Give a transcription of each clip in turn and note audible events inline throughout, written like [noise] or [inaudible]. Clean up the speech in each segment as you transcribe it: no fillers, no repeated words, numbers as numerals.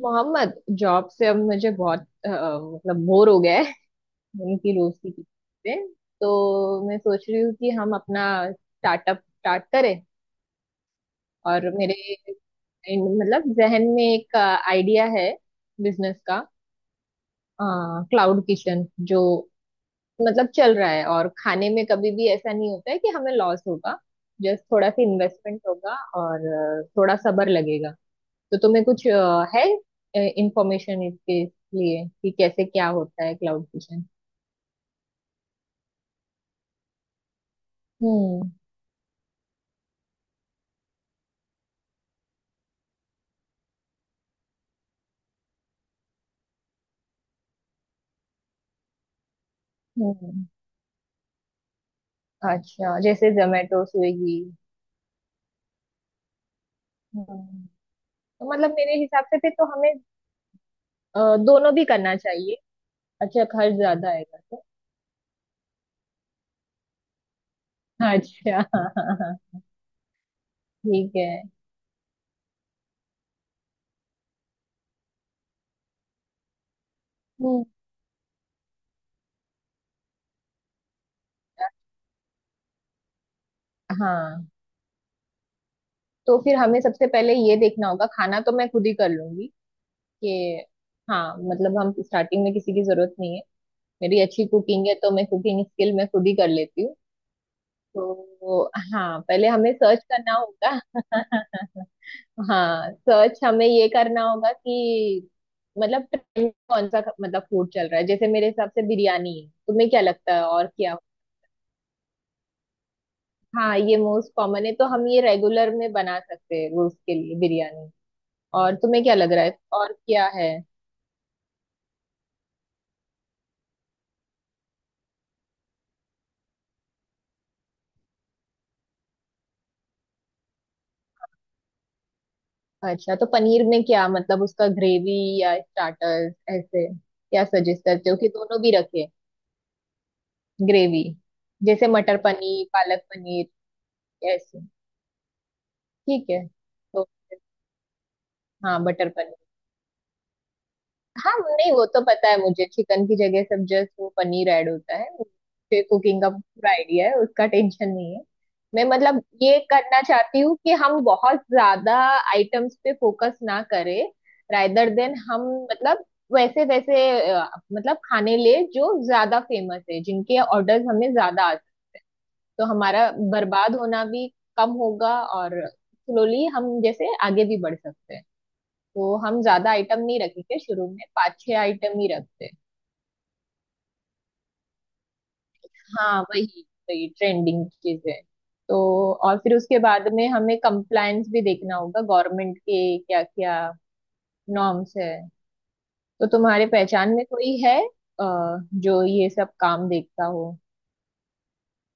Mohammad job से अब मुझे बहुत मतलब बोर हो गया है। उनकी दोस्ती की से, तो मैं सोच रही हूँ कि हम अपना स्टार्टअप स्टार्ट करें। और मेरे मतलब जहन में एक आइडिया है बिजनेस का, क्लाउड किचन, जो मतलब चल रहा है और खाने में कभी भी ऐसा नहीं होता है कि हमें लॉस होगा। जस्ट थोड़ा सा इन्वेस्टमेंट होगा और थोड़ा सब्र लगेगा। तो तुम्हें कुछ है इंफॉर्मेशन इसके लिए कि कैसे क्या होता है क्लाउड किचन। हम्म हम्म। अच्छा जैसे जोमेटो स्विगी। हम्म। तो मतलब मेरे हिसाब से फिर तो हमें अ, दोनों भी करना चाहिए। अच्छा खर्च ज्यादा आएगा तो? अच्छा। [laughs] ठीक है। हम्म। हाँ तो फिर हमें सबसे पहले ये देखना होगा, खाना तो मैं खुद ही कर लूंगी कि, हाँ मतलब हम स्टार्टिंग में किसी की जरूरत नहीं है। मेरी अच्छी कुकिंग है तो मैं कुकिंग स्किल मैं खुद ही कर लेती हूँ। तो हाँ पहले हमें सर्च करना होगा। [laughs] हाँ सर्च हमें ये करना होगा कि मतलब ट्रेंड कौन सा मतलब फूड चल रहा है। जैसे मेरे हिसाब से बिरयानी है, तुम्हें क्या लगता है और क्या? हाँ ये मोस्ट कॉमन है, तो हम ये रेगुलर में बना सकते हैं रोज के लिए बिरयानी। और तुम्हें क्या लग रहा है और क्या है? अच्छा तो पनीर में क्या मतलब उसका ग्रेवी या स्टार्टर्स, ऐसे क्या सजेस्ट करते हो कि दोनों भी रखे? ग्रेवी। जैसे मटर पनीर पालक पनीर। यस। ठीक है तो फिर- हाँ बटर पनीर। हाँ नहीं वो तो पता है मुझे, चिकन की जगह सब जस्ट वो पनीर ऐड होता है, मुझे कुकिंग का पूरा आइडिया है, उसका टेंशन नहीं है। मैं मतलब ये करना चाहती हूँ कि हम बहुत ज्यादा आइटम्स पे फोकस ना करें। रादर देन हम मतलब वैसे वैसे अ, मतलब खाने ले जो ज्यादा फेमस है, जिनके ऑर्डर्स हमें ज्यादा आते हैं। तो हमारा बर्बाद होना भी कम होगा, और स्लोली हम जैसे आगे भी बढ़ सकते हैं। तो हम ज्यादा आइटम नहीं रखेंगे, शुरू में पाँच छह आइटम ही रखते हैं। हाँ वही, वही ट्रेंडिंग चीजें। तो और फिर उसके बाद में हमें कंप्लायंस भी देखना होगा, गवर्नमेंट के क्या क्या नॉर्म्स है। तो तुम्हारे पहचान में कोई है अ, जो ये सब काम देखता हो?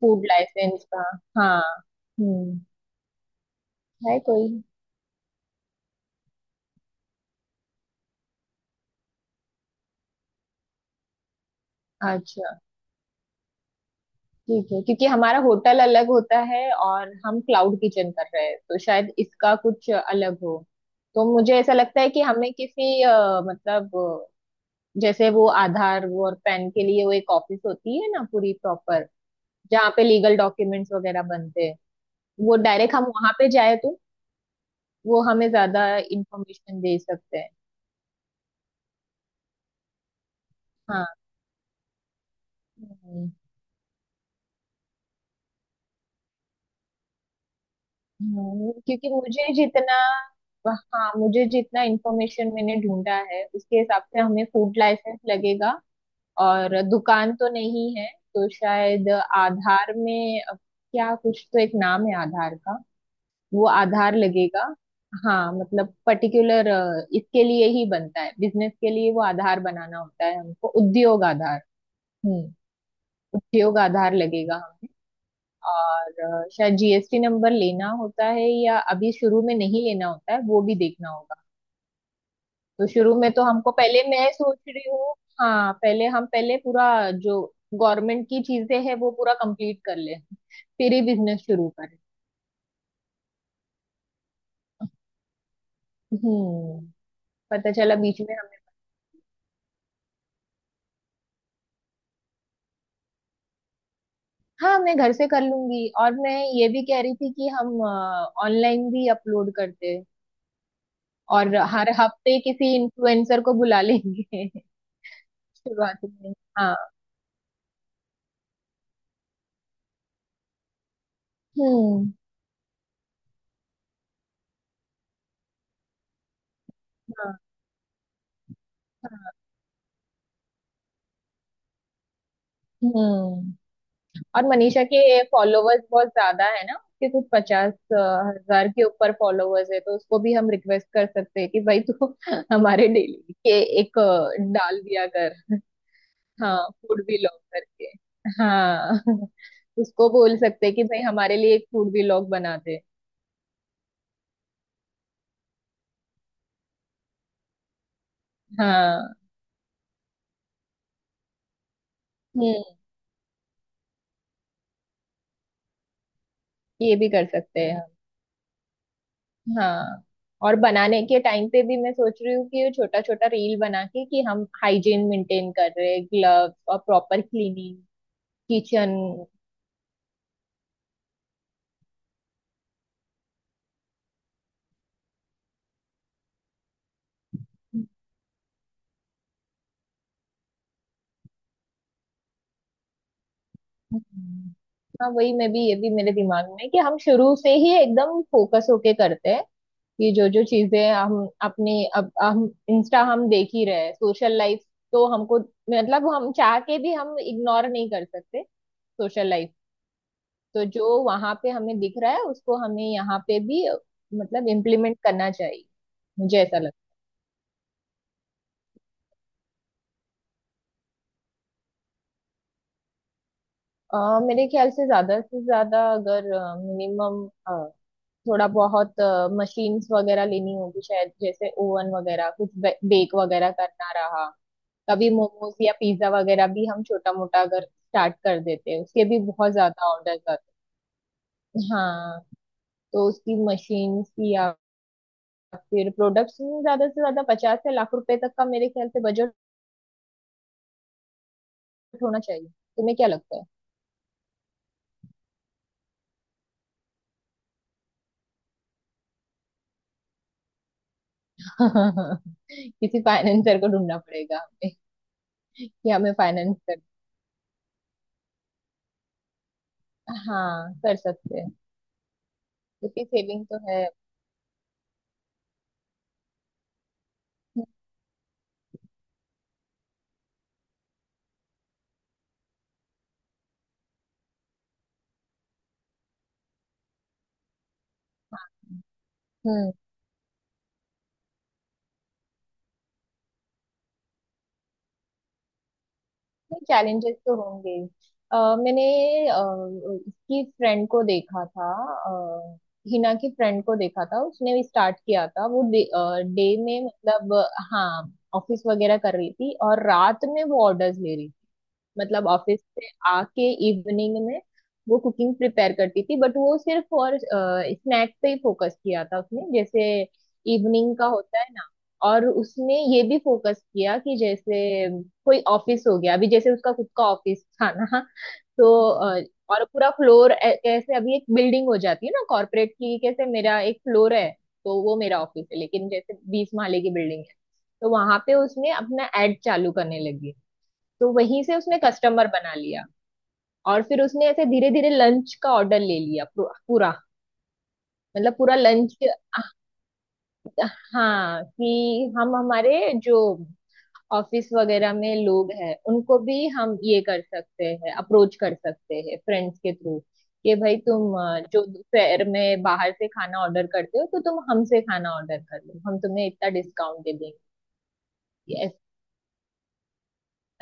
फूड लाइसेंस का। हाँ। हम्म। है कोई? अच्छा। ठीक है, क्योंकि हमारा होटल अलग होता है और हम क्लाउड किचन कर रहे हैं, तो शायद इसका कुछ अलग हो। तो मुझे ऐसा लगता है कि हमें किसी मतलब जैसे वो आधार वो और पैन के लिए वो एक ऑफिस होती है ना पूरी प्रॉपर, जहाँ पे लीगल डॉक्यूमेंट्स वगैरह बनते हैं। वो डायरेक्ट हम वहां पे जाए तो वो हमें ज्यादा इंफॉर्मेशन दे सकते हैं। हाँ। क्योंकि मुझे जितना हाँ मुझे जितना इंफॉर्मेशन मैंने ढूंढा है उसके हिसाब से हमें फूड लाइसेंस लगेगा। और दुकान तो नहीं है तो शायद आधार में क्या कुछ तो एक नाम है आधार का, वो आधार लगेगा। हाँ मतलब पर्टिकुलर इसके लिए ही बनता है, बिजनेस के लिए वो आधार बनाना होता है हमको, उद्योग आधार। हम्म। उद्योग आधार लगेगा। और शायद जीएसटी नंबर लेना होता है या अभी शुरू में नहीं लेना होता है, वो भी देखना होगा। तो शुरू में तो हमको पहले मैं सोच रही हूँ, हाँ पहले हम पहले पूरा जो गवर्नमेंट की चीजें हैं वो पूरा कंप्लीट कर ले, फिर ही बिजनेस शुरू करें। हम्म। पता चला बीच में हमें। हाँ मैं घर से कर लूंगी। और मैं ये भी कह रही थी कि हम ऑनलाइन भी अपलोड करते हैं, और हर हफ्ते किसी इन्फ्लुएंसर को बुला लेंगे। [laughs] शुरुआत में। हाँ। हम्म। हाँ। हाँ। हम्म। और मनीषा के फॉलोवर्स बहुत ज्यादा है ना, उसके कुछ 50 हज़ार के ऊपर फॉलोवर्स है, तो उसको भी हम रिक्वेस्ट कर सकते हैं कि भाई तू [laughs] हमारे डेली के एक डाल दिया कर। हाँ फूड व्लॉग करके। हाँ [laughs] उसको बोल सकते हैं कि भाई हमारे लिए एक फूड व्लॉग बनाते। हाँ। हम्म। ये भी कर सकते हैं। हाँ। और बनाने के टाइम पे भी मैं सोच रही हूँ कि छोटा छोटा रील बना के, कि हम हाइजीन मेंटेन कर रहे हैं, ग्लव्स और प्रॉपर क्लीनिंग, किचन। हाँ वही, मैं भी ये भी मेरे दिमाग में है कि हम शुरू से ही एकदम फोकस होके करते हैं कि जो जो चीजें हम अपने अब हम इंस्टा हम देख ही रहे हैं सोशल लाइफ, तो हमको मतलब हम चाह के भी हम इग्नोर नहीं कर सकते सोशल लाइफ। तो जो वहां पे हमें दिख रहा है उसको हमें यहाँ पे भी मतलब इम्प्लीमेंट करना चाहिए। मुझे ऐसा लगता है। मेरे ख्याल से ज्यादा अगर मिनिमम थोड़ा बहुत मशीन्स वगैरह लेनी होगी शायद, जैसे ओवन वगैरह कुछ बेक वगैरह करना रहा। कभी मोमोज या पिज्जा वगैरह भी हम छोटा मोटा अगर स्टार्ट कर देते हैं, उसके भी बहुत ज्यादा ऑर्डर आते हैं। हाँ। तो उसकी मशीन्स या फिर प्रोडक्ट्स में ज्यादा से ज्यादा 50 से ₹1,00,000 तक का मेरे ख्याल से बजट होना चाहिए। तुम्हें क्या लगता है? [laughs] किसी फाइनेंसर को ढूंढना पड़ेगा हमें, कि हमें फाइनेंस कर। हाँ कर सकते हैं, क्योंकि सेविंग तो है। हम्म। चैलेंजेस तो होंगे। मैंने अ, इसकी फ्रेंड को देखा था, अ, हिना की फ्रेंड को देखा था, उसने भी स्टार्ट किया था। वो डे में मतलब हाँ ऑफिस वगैरह कर रही थी, और रात में वो ऑर्डर्स ले रही, मतलब ऑफिस से आके इवनिंग में वो कुकिंग प्रिपेयर करती थी। बट वो सिर्फ और स्नैक्स पे ही फोकस किया था उसने, जैसे इवनिंग का होता है ना। और उसने ये भी फोकस किया कि जैसे कोई ऑफिस हो गया, अभी जैसे उसका खुद का ऑफिस था ना, तो और पूरा फ्लोर, ऐसे अभी एक बिल्डिंग हो जाती है ना कॉर्पोरेट की, कैसे मेरा एक फ्लोर है तो वो मेरा ऑफिस है, लेकिन जैसे 20 माले की बिल्डिंग है, तो वहां पे उसने अपना एड चालू करने लगी। तो वहीं से उसने कस्टमर बना लिया। और फिर उसने ऐसे धीरे धीरे लंच का ऑर्डर ले लिया पूरा पूरा, मतलब पूरा लंच। हाँ कि हम हमारे जो ऑफिस वगैरह में लोग हैं उनको भी हम ये कर सकते हैं, अप्रोच कर सकते हैं फ्रेंड्स के थ्रू, कि भाई तुम जो दोपहर में बाहर से खाना ऑर्डर करते हो तो तुम हमसे खाना ऑर्डर कर लो, हम तुम्हें इतना डिस्काउंट दे देंगे।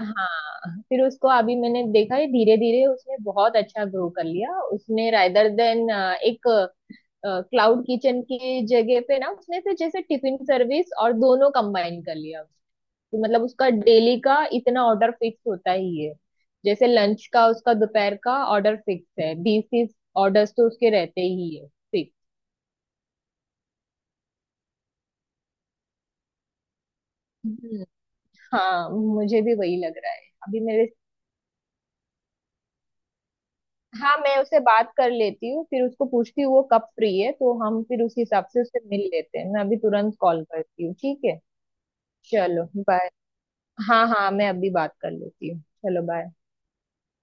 हाँ फिर उसको अभी मैंने देखा है धीरे धीरे उसने बहुत अच्छा ग्रो कर लिया। उसने रादर देन एक क्लाउड किचन की जगह पे ना, उसने फिर जैसे टिफिन सर्विस और दोनों कंबाइन कर लिया। तो मतलब उसका डेली का इतना ऑर्डर फिक्स होता ही है, जैसे लंच का उसका दोपहर का ऑर्डर फिक्स है, 20-30 ऑर्डर्स तो उसके रहते ही है फिक्स। हम्म। हाँ मुझे भी वही लग रहा है अभी मेरे। हाँ मैं उससे बात कर लेती हूँ, फिर उसको पूछती हूँ वो कब फ्री है, तो हम फिर उस हिसाब से उससे मिल लेते हैं। मैं अभी तुरंत कॉल करती हूँ, ठीक है? चलो बाय। हाँ हाँ मैं अभी बात कर लेती हूँ। चलो बाय।